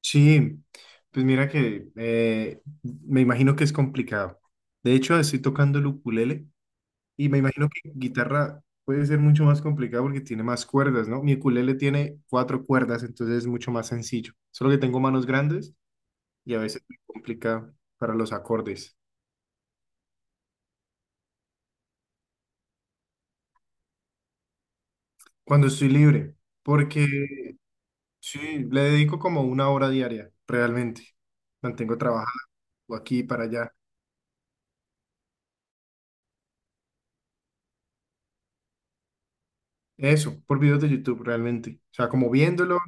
Sí, pues mira que me imagino que es complicado. De hecho, estoy tocando el ukulele y me imagino que guitarra puede ser mucho más complicado porque tiene más cuerdas, ¿no? Mi ukulele tiene cuatro cuerdas, entonces es mucho más sencillo. Solo que tengo manos grandes y a veces me complica para los acordes. Cuando estoy libre, porque sí, le dedico como una hora diaria, realmente. Mantengo trabajando aquí y para allá. Eso, por videos de YouTube realmente. O sea, como viéndolos,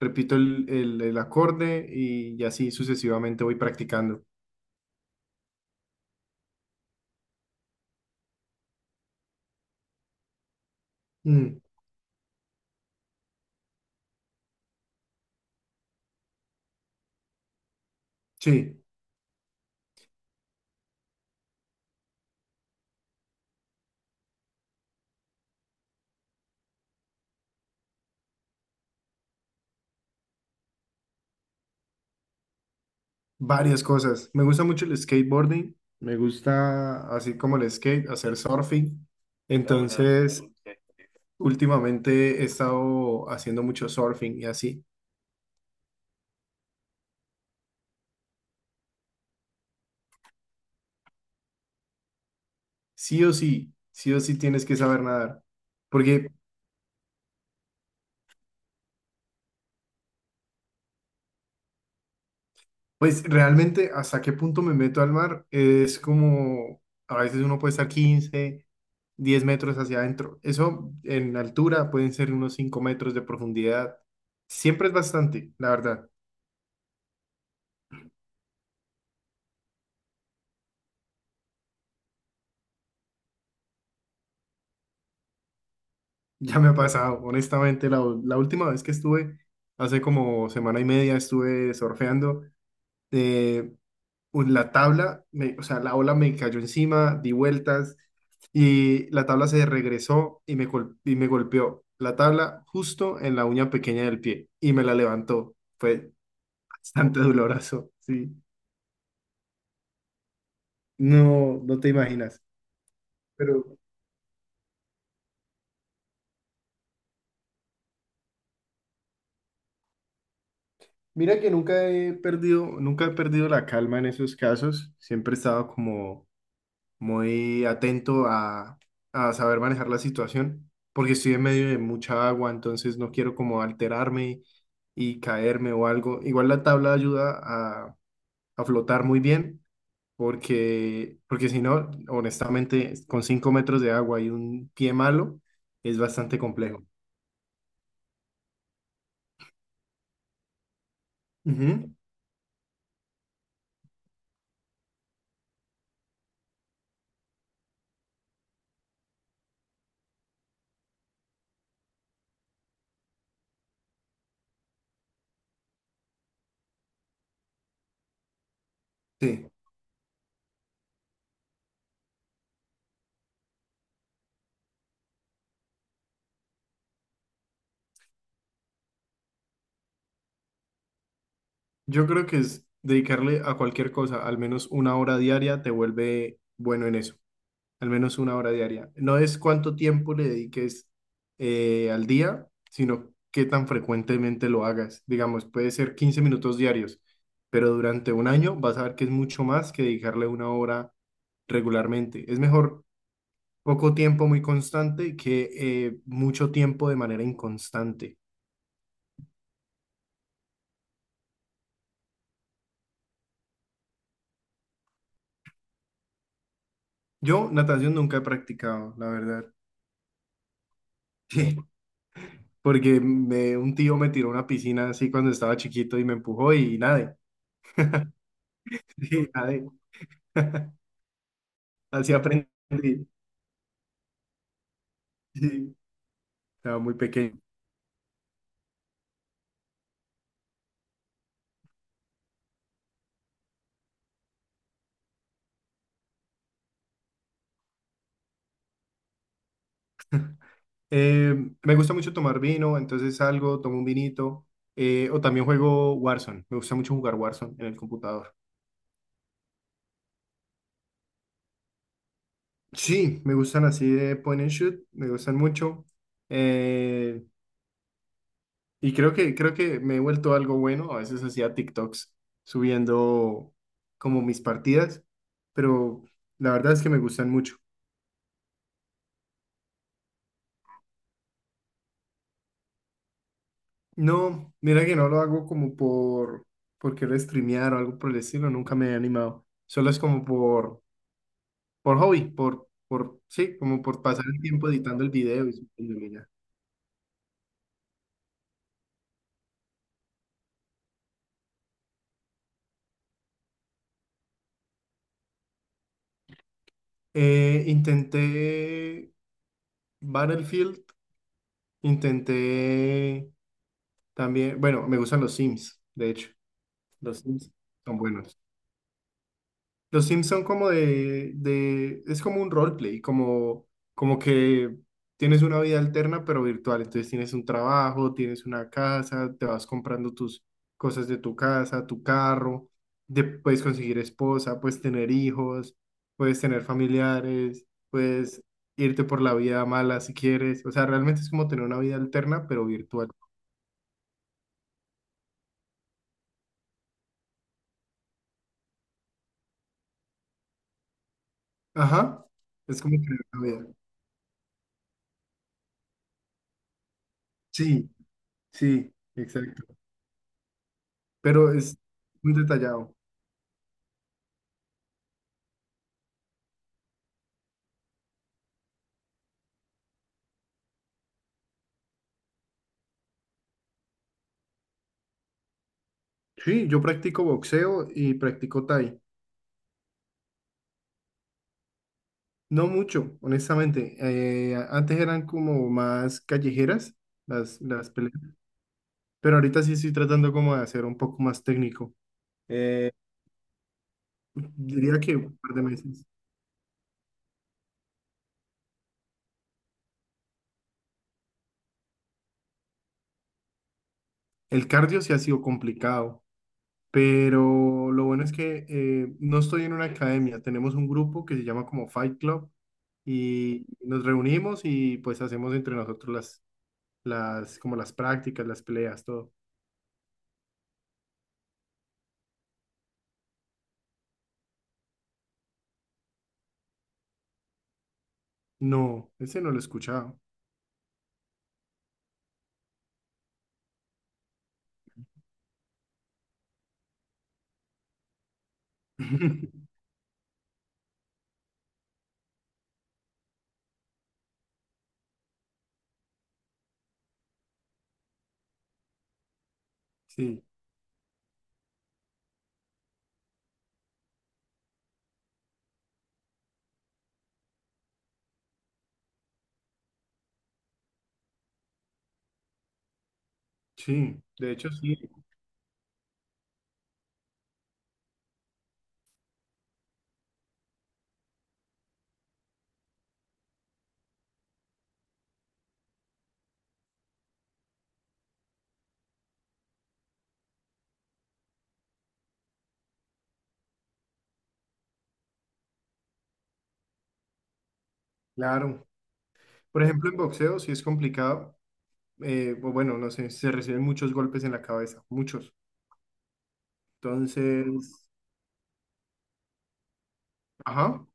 repito el acorde y así sucesivamente voy practicando. Mm, sí, varias cosas. Me gusta mucho el skateboarding, me gusta así como el skate, hacer surfing. Entonces, últimamente he estado haciendo mucho surfing y así. Sí o sí tienes que saber nadar. Porque pues realmente hasta qué punto me meto al mar es como a veces uno puede estar 15, 10 metros hacia adentro. Eso en altura pueden ser unos 5 metros de profundidad. Siempre es bastante, la verdad. Ya me ha pasado, honestamente, la última vez que estuve, hace como semana y media, estuve surfeando. eh, la tabla, o sea, la ola me cayó encima, di vueltas y la tabla se regresó y me, y me golpeó la tabla justo en la uña pequeña del pie y me la levantó. Fue bastante doloroso, sí. No, no te imaginas. Pero mira que nunca he perdido, nunca he perdido la calma en esos casos. Siempre he estado como muy atento a saber manejar la situación, porque estoy en medio de mucha agua, entonces no quiero como alterarme y caerme o algo. Igual la tabla ayuda a, a flotar muy bien, porque si no, honestamente, con 5 metros de agua y un pie malo, es bastante complejo. Ujú, sí, yo creo que es dedicarle a cualquier cosa, al menos una hora diaria, te vuelve bueno en eso. Al menos una hora diaria. No es cuánto tiempo le dediques al día, sino qué tan frecuentemente lo hagas. Digamos, puede ser 15 minutos diarios, pero durante un año vas a ver que es mucho más que dedicarle una hora regularmente. Es mejor poco tiempo muy constante que mucho tiempo de manera inconstante. Yo natación nunca he practicado, la verdad. Porque un tío me tiró a una piscina así cuando estaba chiquito y me empujó y nadé. Sí, nadé. Así aprendí. Sí, estaba muy pequeño. Eh, Me gusta mucho tomar vino, entonces salgo, tomo un vinito. O también juego Warzone. Me gusta mucho jugar Warzone en el computador. Sí, me gustan así de point and shoot, me gustan mucho. eh, y creo que me he vuelto algo bueno. A veces hacía TikToks subiendo como mis partidas, pero la verdad es que me gustan mucho. No, mira que no lo hago como por querer streamear o algo por el estilo, nunca me he animado. Solo es como por hobby, sí, como por pasar el tiempo editando el video y subiéndolo y ya. Intenté Battlefield, intenté también, bueno, me gustan los Sims, de hecho, los Sims son buenos. Los Sims son como es como un roleplay, como, como que tienes una vida alterna pero virtual, entonces tienes un trabajo, tienes una casa, te vas comprando tus cosas de tu casa, tu carro, puedes conseguir esposa, puedes tener hijos, puedes tener familiares, puedes irte por la vida mala si quieres, o sea, realmente es como tener una vida alterna pero virtual. Ajá, es como tener una vida. Sí, sí, exacto, pero es muy detallado. Sí, yo practico boxeo y practico Thai. No mucho, honestamente. Antes eran como más callejeras las peleas, pero ahorita sí estoy tratando como de hacer un poco más técnico. Eh, Diría que un par de meses. El cardio sí ha sido complicado, pero lo bueno es que no estoy en una academia. Tenemos un grupo que se llama como Fight Club y nos reunimos y pues hacemos entre nosotros como las prácticas, las peleas, todo. No, ese no lo he escuchado. Sí, sí, de hecho sí, claro. Por ejemplo, en boxeo sí es complicado. O bueno, no sé, se reciben muchos golpes en la cabeza, muchos. Entonces, ajá,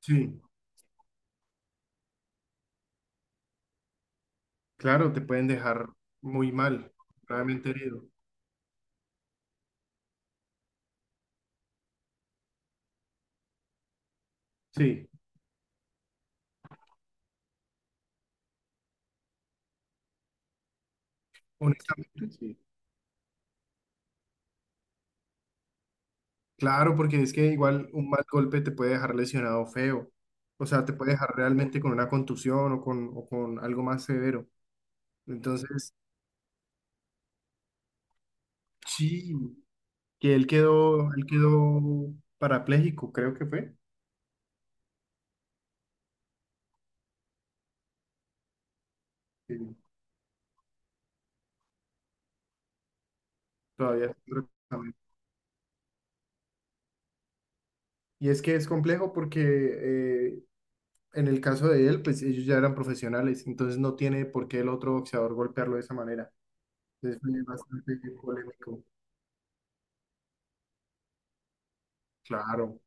sí, claro, te pueden dejar muy mal, gravemente herido. Sí, honestamente, sí. Claro, porque es que igual un mal golpe te puede dejar lesionado feo. O sea, te puede dejar realmente con una contusión o con algo más severo. Entonces, sí, que él quedó parapléjico, creo que fue. Que todavía está en tratamiento. Y es que es complejo porque en el caso de él, pues ellos ya eran profesionales, entonces no tiene por qué el otro boxeador golpearlo de esa manera. Entonces fue bastante polémico. Claro,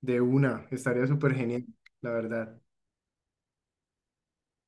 de una, estaría súper genial, la verdad.